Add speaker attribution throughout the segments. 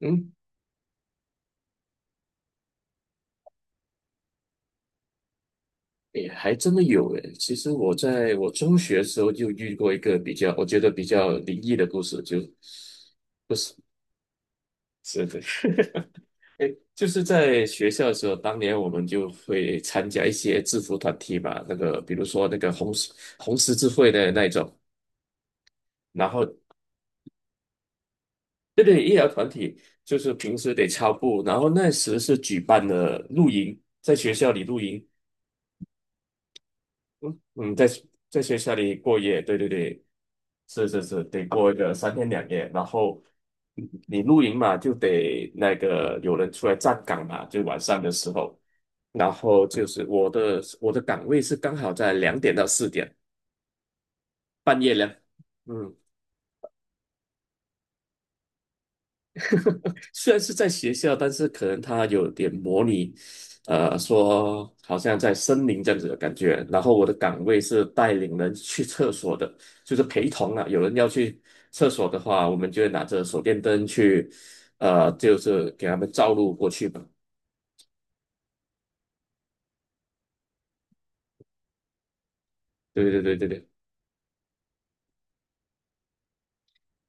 Speaker 1: 嗯，也还真的有诶。其实我在我中学的时候就遇过一个比较，我觉得比较灵异的故事，就不是是的，诶，就是在学校的时候，当年我们就会参加一些制服团体嘛，那个比如说那个红十字会的那一种，然后对对，医疗团体就是平时得操步，然后那时是举办了露营，在学校里露营，嗯，在学校里过夜，对对对，是是是，得过一个三天两夜，然后你露营嘛，就得那个有人出来站岗嘛，就晚上的时候，然后就是我的岗位是刚好在2点到4点，半夜两，嗯。虽然是在学校，但是可能它有点模拟，说好像在森林这样子的感觉。然后我的岗位是带领人去厕所的，就是陪同啊。有人要去厕所的话，我们就会拿着手电灯去，就是给他们照路过去嘛。对对对对对，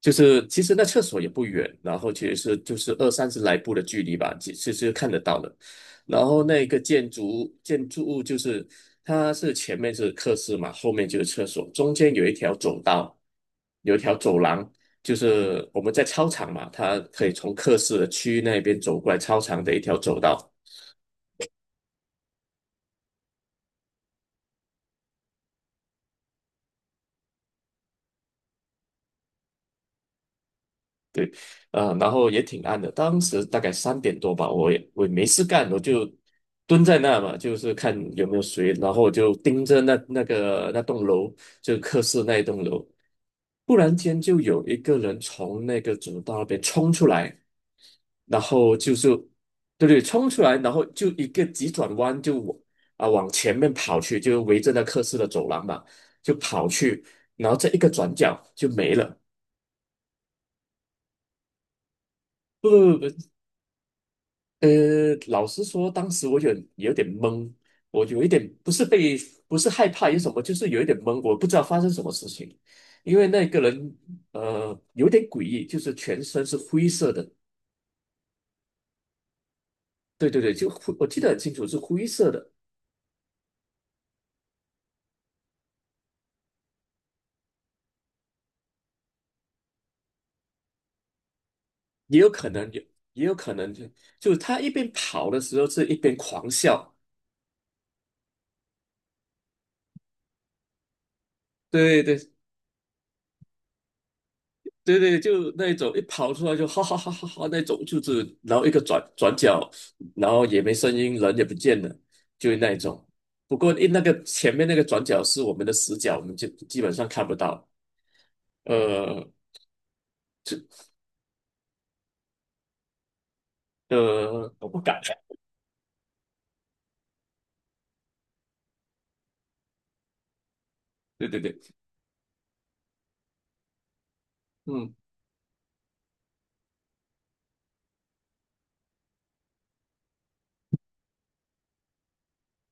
Speaker 1: 就是其实那厕所也不远，然后其实是就是二三十来步的距离吧，其实看得到的。然后那个建筑物就是它是前面是客室嘛，后面就是厕所，中间有一条走道，有一条走廊，就是我们在操场嘛，它可以从客室的区域那边走过来操场的一条走道。然后也挺暗的，当时大概3点多吧，我也没事干，我就蹲在那嘛，就是看有没有谁，然后我就盯着那栋楼，就科室那一栋楼，突然间就有一个人从那个走道那边冲出来，然后就是对对，冲出来，然后就一个急转弯就往往前面跑去，就围着那科室的走廊嘛，就跑去，然后这一个转角就没了。不不不，呃，老实说，当时我有点懵，我有一点不是害怕，有什么就是有一点懵，我不知道发生什么事情，因为那个人有点诡异，就是全身是灰色的，对对对，就灰，我记得很清楚是灰色的，也有可能有也有可能就他一边跑的时候是一边狂笑，对对，对对，就那一种一跑出来就哈哈哈哈哈那种，就是然后一个转角，然后也没声音，人也不见了，就是那一种。不过那个前面那个转角是我们的死角，我们就基本上看不到。呃我不敢。对对对，嗯。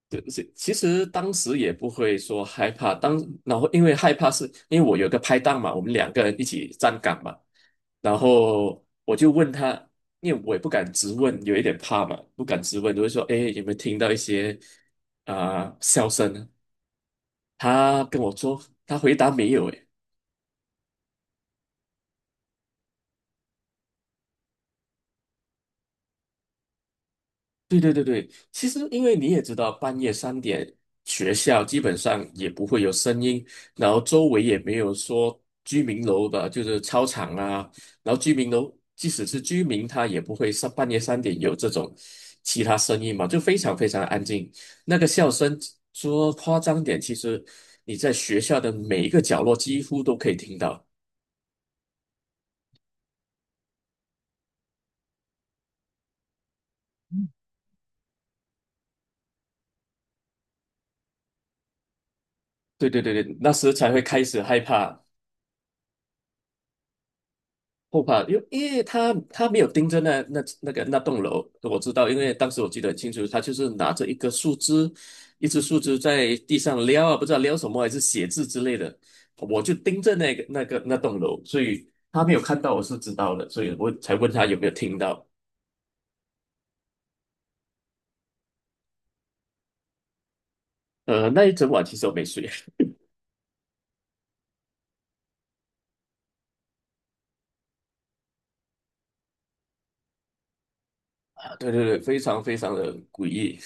Speaker 1: 对，是其实当时也不会说害怕，然后因为害怕是因为我有个拍档嘛，我们两个人一起站岗嘛，然后我就问他，因为我也不敢直问，有一点怕嘛，不敢直问，就会说，哎，有没有听到一些啊、笑声呢？他跟我说，他回答没有，对对对对，其实因为你也知道，半夜三点学校基本上也不会有声音，然后周围也没有说居民楼的，就是操场啊，然后居民楼即使是居民，他也不会上半夜三点有这种其他声音嘛，就非常非常安静。那个笑声说夸张点，其实你在学校的每一个角落几乎都可以听到。对对对对，那时才会开始害怕后怕，因为因为他没有盯着那栋楼，我知道，因为当时我记得很清楚，他就是拿着一个树枝，一只树枝在地上撩啊，不知道撩什么，还是写字之类的，我就盯着那栋楼，所以他没有看到，我是知道的，所以我才问他有没有听到。那一整晚其实我没睡啊，对对对，非常非常的诡异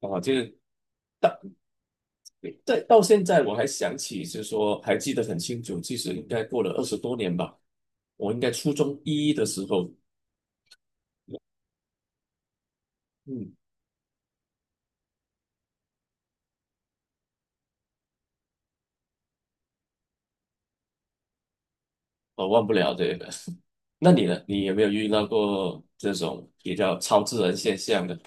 Speaker 1: 啊，就是到对，到现在我还想起，就是说还记得很清楚，其实应该过了20多年吧。我应该初中一的时候，嗯，我忘不了这个。那你呢？你有没有遇到过这种比较超自然现象的？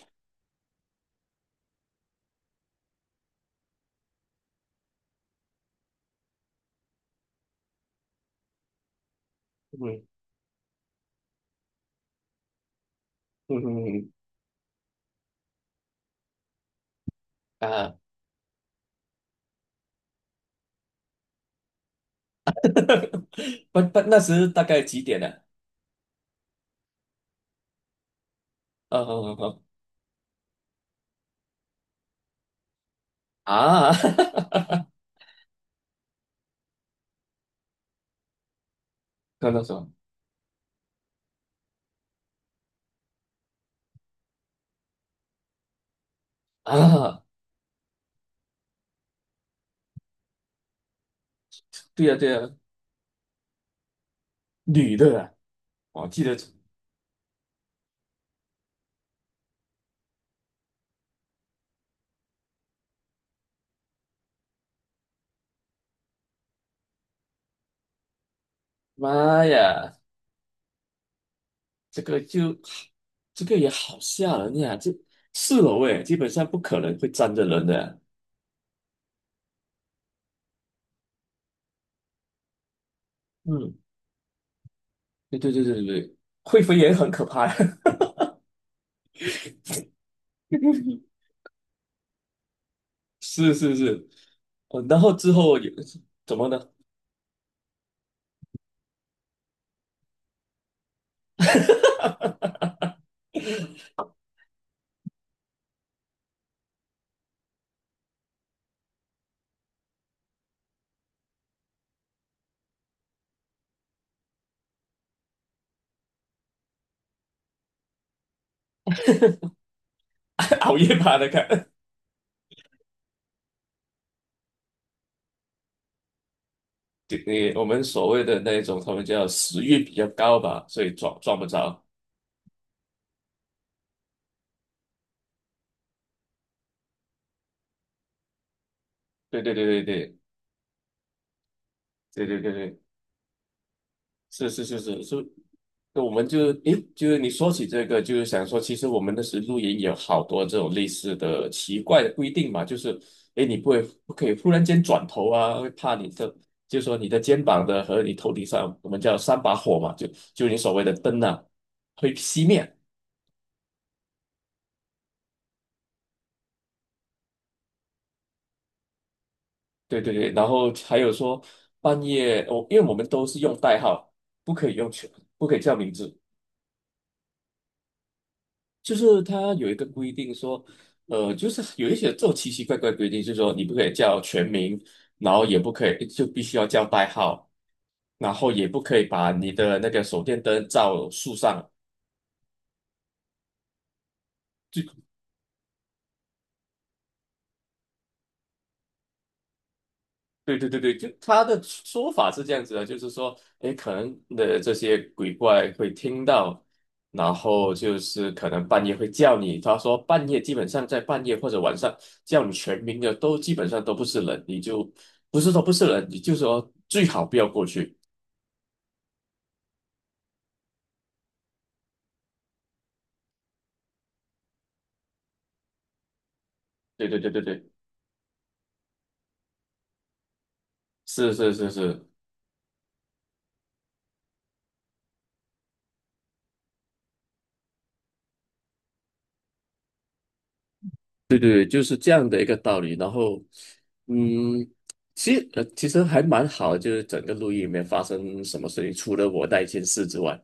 Speaker 1: 嗯嗯嗯嗯啊，不不，那时大概几点呢、啊？啊啊 看到什么啊？对呀、对呀、女的、啊，我记得，妈呀，这个就这个也好吓人呀！这4楼诶，基本上不可能会站着人的、嗯，对对对对对，会飞也很可怕呀！是是是，哦，然后之后有怎么呢？熬夜爬的看，对，你我们所谓的那种，他们叫食欲比较高吧，所以抓不着。对对对对对对对对对。是是是是是，那我们就诶，就是你说起这个，就是想说，其实我们的时露营有好多这种类似的奇怪的规定嘛，就是诶，你不会不可以忽然间转头啊，会怕你的，就说你的肩膀的和你头顶上，我们叫三把火嘛，就你所谓的灯呐会熄灭。对对对，然后还有说半夜，我因为我们都是用代号，不可以用全，不可以叫名字。就是它有一个规定说，就是有一些这种奇奇怪怪的规定，就是说你不可以叫全名，然后也不可以就必须要叫代号，然后也不可以把你的那个手电灯照树上，对对对对，就他的说法是这样子的，就是说，诶，可能的这些鬼怪会听到，然后就是可能半夜会叫你。他说半夜基本上在半夜或者晚上叫你全名的都基本上都不是人，你就不是说不是人，你就说最好不要过去。对对对对对，是是是是，对对对，就是这样的一个道理。然后，嗯，其实还蛮好的，就是整个录音里面发生什么事情，除了我那一件事之外。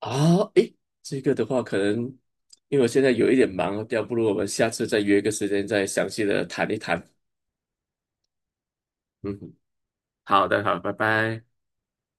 Speaker 1: 啊，诶，这个的话，可能因为我现在有一点忙，要不如我们下次再约个时间再详细的谈一谈。嗯哼，好的，好，拜拜。